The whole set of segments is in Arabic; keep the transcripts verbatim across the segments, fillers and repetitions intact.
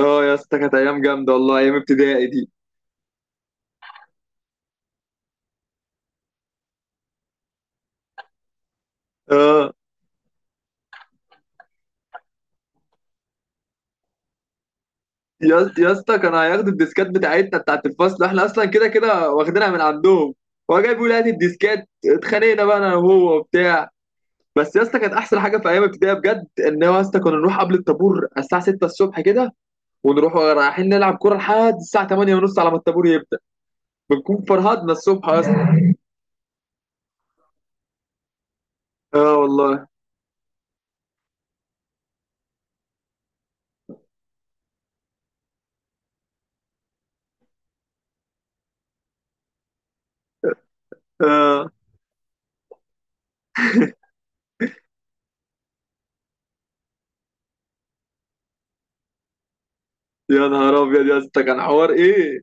اه يا اسطى، كانت ايام جامده والله، ايام ابتدائي دي. اه يا اسطى يا اسطى كانوا هياخدوا الديسكات بتاعتنا بتاعت الفصل، احنا اصلا كده كده واخدينها من عندهم. هو جاي بيقول هات الديسكات، اتخانقنا بقى انا وهو وبتاع. بس يا اسطى، كانت احسن حاجه في ايام ابتدائي بجد ان هو، يا اسطى، كنا نروح قبل الطابور على الساعه ستة الصبح كده، ونروح رايحين نلعب كوره لحد الساعه تمانية ونص، على ما الطابور يبدا بنكون فرهدنا الصبح يا اسطى. اه والله. اه يا نهار ابيض يا اسطى، كان حوار ايه؟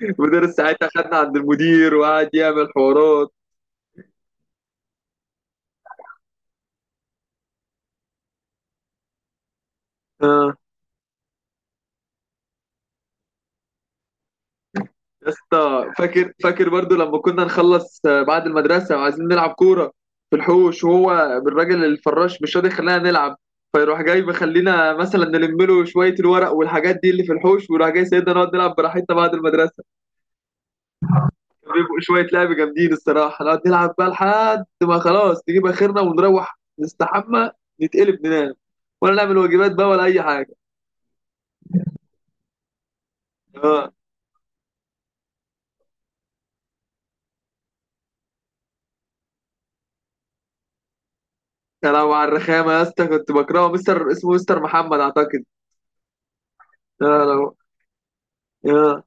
المدرس ساعتها خدنا عند المدير وقعد يعمل حوارات. اه يا اسطى، فاكر فاكر برضو لما كنا نخلص آه، بعد المدرسة وعايزين نلعب كورة في الحوش، وهو الراجل الفراش مش راضي يخلينا نلعب، فيروح جاي بيخلينا مثلا نلم له شوية الورق والحاجات دي اللي في الحوش، ويروح جاي سيدنا نقعد نلعب براحتنا بعد المدرسة. بيبقوا شوية لعب جامدين الصراحة، نقعد نلعب بقى لحد ما خلاص نجيب آخرنا، ونروح نستحمى، نتقلب ننام، ولا نعمل واجبات بقى، ولا أي حاجة. آه. يا لو على الرخامة يا اسطى، كنت بكرهه مستر، اسمه مستر محمد أعتقد. يا لو يا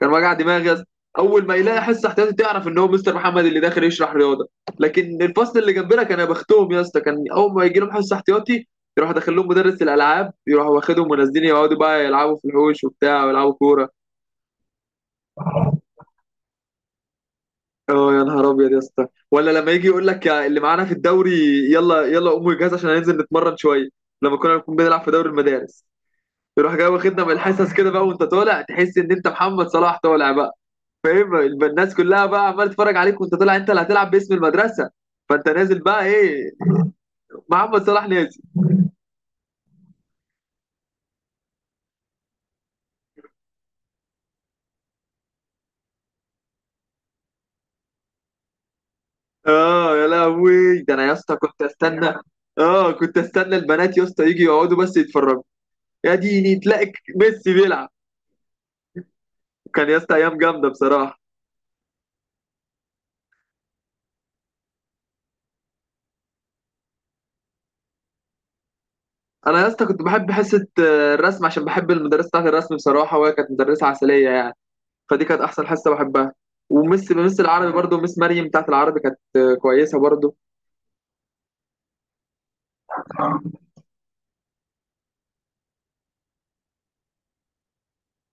كان وجع دماغي يا اسطى. أول ما يلاقي حصة احتياطي تعرف إن هو مستر محمد اللي داخل يشرح رياضة. لكن الفصل اللي جنبنا كان يبختهم يا اسطى، كان أول ما يجي لهم حصة احتياطي يروح داخل لهم مدرس الألعاب، يروح واخدهم ونازلين يقعدوا بقى يلعبوا في الحوش وبتاع ويلعبوا كورة. اه يا نهار ابيض يا اسطى، ولا لما يجي يقول لك يا اللي معانا في الدوري يلا يلا قوموا الجهاز عشان هننزل نتمرن شويه، لما كنا بنكون بنلعب في دوري المدارس. يروح جاي واخدنا من الحصص كده بقى، وانت طالع تحس ان انت محمد صلاح طالع بقى. فاهم؟ يبقى الناس كلها بقى عماله تتفرج عليك وانت طالع، انت اللي هتلعب باسم المدرسه، فانت نازل بقى ايه، محمد صلاح نازل. اه يا لهوي، ده انا يا اسطى كنت استنى. اه كنت استنى البنات يا اسطى يجي يقعدوا بس يتفرجوا. يا ديني تلاقي ميسي بيلعب. كان يا اسطى ايام جامده بصراحه. انا يا اسطى كنت بحب حصه آه، الرسم، عشان بحب المدرسه بتاعت الرسم بصراحه، وهي كانت مدرسه عسليه يعني. فدي كانت احسن حصه بحبها. ومس مس العربي برضو، مس مريم بتاعت العربي كانت آه، كويسه برضو.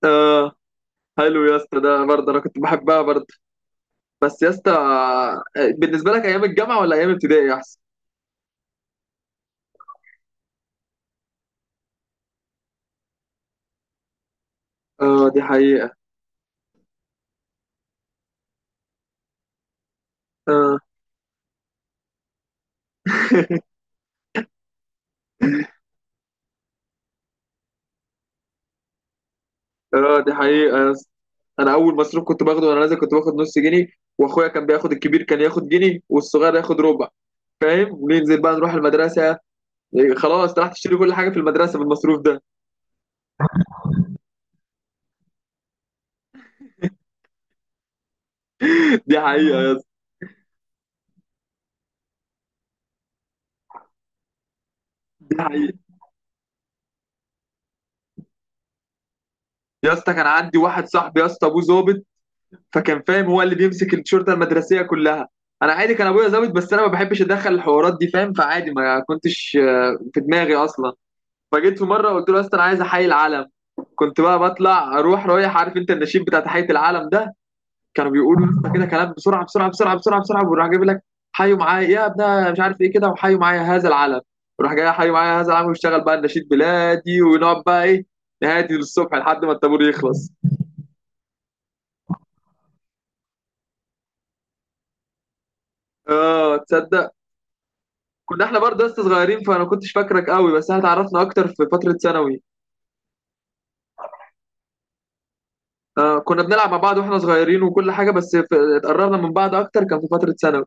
اه حلو يا اسطى، ده برضه انا كنت بحبها برضه. بس يا اسطى آه، بالنسبه لك، ايام الجامعه ولا ايام ابتدائي احسن؟ اه دي حقيقه. اه. اه دي حقيقه يا اسطى. انا اول مصروف كنت باخده وانا نازل كنت باخد نص جنيه. واخويا كان بياخد الكبير كان ياخد جنيه، والصغير ياخد ربع. فاهم؟ وننزل بقى نروح المدرسه. إيه، خلاص راح تشتري كل حاجه في المدرسه بالمصروف ده. دي حقيقه يا اسطى. دي حقيقه. يا اسطى كان عندي واحد صاحبي يا اسطى، ابوه ظابط، فكان فاهم هو اللي بيمسك الشرطه المدرسيه كلها. انا عادي، كان ابويا ظابط بس انا ما بحبش اتدخل الحوارات دي، فاهم؟ فعادي ما كنتش آه، في دماغي اصلا. فجيت في مره قلت له يا اسطى انا عايز احيي العلم. كنت بقى بطلع اروح رايح، عارف انت النشيد بتاع تحيه العلم ده؟ كانوا بيقولوا يا اسطى كده كلام بسرعه بسرعه بسرعه بسرعه بسرعه، وراح جايب لك حيوا معايا يا ابنها مش عارف ايه كده، وحيوا معايا هذا العلم. وراح جاي حيوا معايا هذا العلم، واشتغل بقى النشيد بلادي، ونقعد بقى ايه، نهادي للصبح لحد ما الطابور يخلص. اه تصدق؟ كنا احنا برضه لسه صغيرين، فانا كنتش فاكرك قوي، بس احنا اتعرفنا اكتر في فتره ثانوي. آه كنا بنلعب مع بعض واحنا صغيرين وكل حاجه، بس في... اتقربنا من بعض اكتر كان في فتره ثانوي.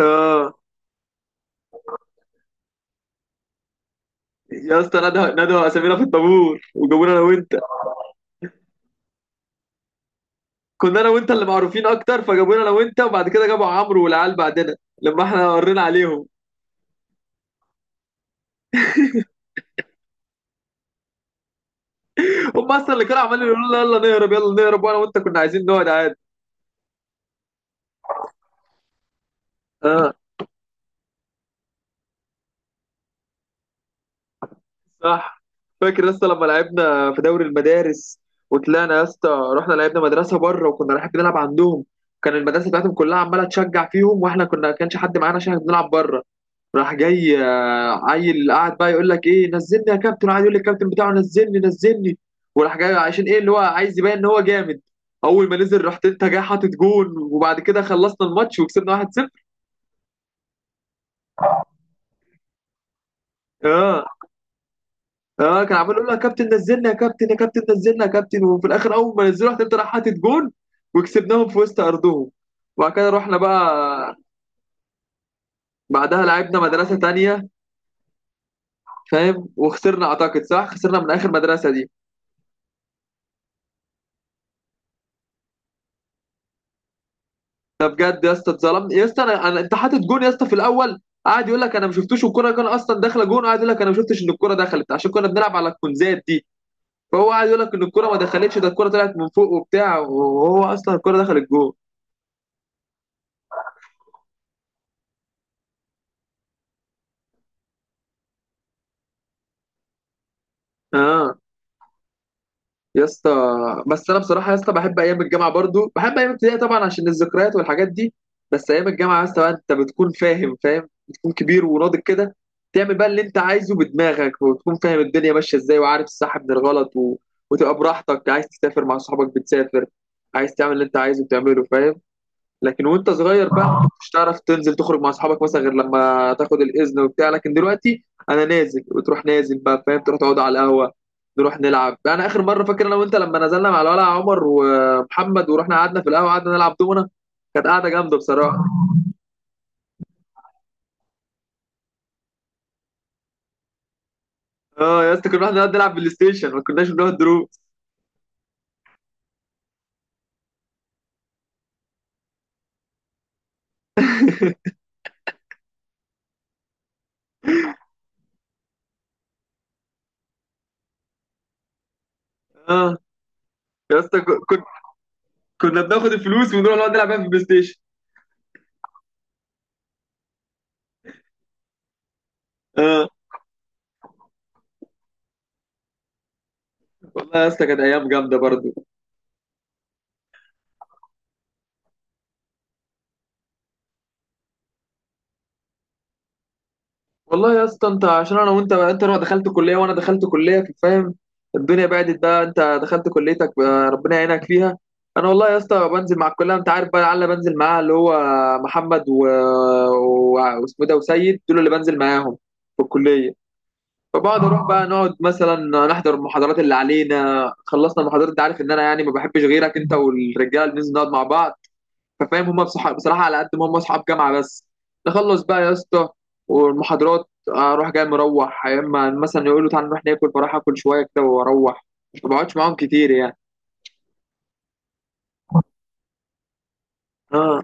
اه يا اسطى، نادوا نادوا اسامينا في الطابور، وجابونا انا وانت. كنا انا وانت اللي معروفين اكتر، فجابونا انا وانت، وبعد كده جابوا عمرو والعيال بعدنا، لما احنا ورينا عليهم. هم اصلا اللي كانوا عمالين يقولوا لنا يلا نهرب يلا نهرب، وانا وانت كنا عايزين نقعد عادي. اه صح. فاكر يا اسطى لما لعبنا في دوري المدارس وطلعنا يا اسطى؟ رحنا لعبنا مدرسه بره وكنا رايحين بنلعب عندهم. كان المدرسه بتاعتهم كلها عماله تشجع فيهم، واحنا كنا كانش حد معانا عشان إحنا بنلعب بره. راح جاي آه، عيل قاعد بقى يقول لك ايه، نزلني يا كابتن، قاعد يقول للكابتن بتاعه نزلني نزلني، وراح جاي عشان ايه اللي هو عايز يبين ان هو جامد. اول ما نزل رحت انت جاي حاطط جون، وبعد كده خلصنا الماتش وكسبنا واحد صفر. اه اه. كان عمال يقول له يا كابتن نزلنا يا كابتن، يا كابتن نزلنا يا كابتن، وفي الاخر اول ما نزلوا راح تبدا راح حاطط جون، وكسبناهم في وسط ارضهم. وبعد كده رحنا بقى، بعدها لعبنا مدرسه تانية، فاهم؟ وخسرنا اعتقد، صح خسرنا من اخر مدرسه دي. ده بجد يا اسطى اتظلمت يا اسطى. انا أنا- انت حاطط جون يا اسطى في الاول، قاعد يقول لك انا ما شفتوش، والكره كان اصلا داخله جون، قاعد يقول لك انا ما شفتش ان الكره دخلت، عشان كنا بنلعب على الكونزات دي. فهو قاعد يقول لك ان الكره ما دخلتش، ده الكره طلعت من فوق وبتاع، وهو اصلا الكره دخلت جون. اه يا اسطى. بس انا بصراحه يا اسطى بحب ايام الجامعه، برضو بحب ايام الابتدائي طبعا عشان الذكريات والحاجات دي. بس ايام الجامعه يا اسطى بقى، انت بتكون فاهم فاهم، بتكون كبير وناضج كده، تعمل بقى اللي انت عايزه بدماغك، وتكون فاهم الدنيا ماشيه ازاي، وعارف الصح من الغلط و... وتبقى براحتك، عايز تسافر مع صحابك بتسافر، عايز تعمل اللي انت عايزه بتعمله، فاهم؟ لكن وانت صغير بقى ما كنتش تعرف تنزل تخرج مع اصحابك مثلا غير لما تاخد الاذن وبتاع، لكن دلوقتي انا نازل وتروح نازل بقى، فاهم؟ تروح تقعد على القهوه، نروح نلعب. انا اخر مره فاكر انا وانت لما نزلنا مع الولع عمر ومحمد، ورحنا قعدنا في القهوه قعدنا نلعب دومنا، كانت قعده جامده بصراحه. اه يا اسطى، كنا بنقعد نلعب بلاي ستيشن، ما كناش بنقعد دروس. اه يا اسطى، كنا كنا بناخد الفلوس ونروح نقعد نلعب بيها في البلاي ستيشن. اه والله يا اسطى كانت ايام جامده برضه. والله يا اسطى انت، عشان انا وانت، انت لو دخلت كليه وانا دخلت كليه، فاهم؟ الدنيا بعدت بقى، انت دخلت كليتك بقى ربنا يعينك فيها. انا والله يا اسطى بنزل مع الكليه، انت عارف بقى العيال اللي بنزل معاها، اللي هو محمد و... و... واسمه إيه ده، وسيد، دول اللي بنزل معاهم في الكليه. فبقعد اروح بقى نقعد مثلا نحضر المحاضرات اللي علينا، خلصنا المحاضرات انت عارف ان انا يعني ما بحبش غيرك انت والرجاله، بننزل نقعد مع بعض. ففاهم هما بصح- بصراحه، على قد ما هما اصحاب جامعه، بس نخلص بقى يا اسطى والمحاضرات آه، اروح جاي مروح، يا اما مثلا يقولوا تعالى نروح ناكل فراح اكل شويه كده واروح. مش ما بقعدش معاهم كتير يعني. اه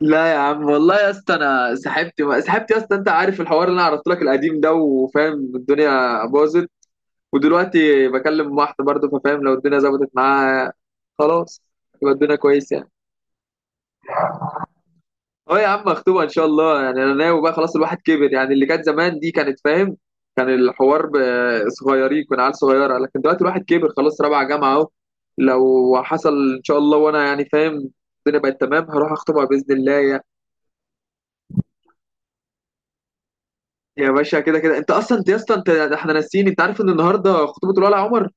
لا يا عم، والله يا اسطى انا سحبت سحبت يا اسطى، انت عارف الحوار اللي انا عرضت لك القديم ده، وفاهم الدنيا باظت. ودلوقتي بكلم واحده برضه، ففاهم لو الدنيا ظبطت معاها خلاص يبقى الدنيا كويسه. اه يا عم، مخطوبة ان شاء الله، يعني انا ناوي بقى، خلاص الواحد كبر، يعني اللي كانت زمان دي كانت فاهم، كان الحوار ب- صغيرين، كنا عيال صغيرة، لكن دلوقتي الواحد كبر خلاص، رابعة جامعة اهو، لو حصل ان شاء الله وانا يعني فاهم الدنيا بقت تمام هروح اخطبها باذن الله يا يا باشا كده كده انت اصلا، انت يا اسطى، انت احنا ناسيين، انت عارف ان النهارده خطوبة الولع عمر؟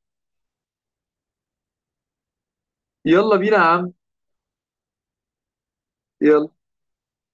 يلا بينا يا عم، يلا.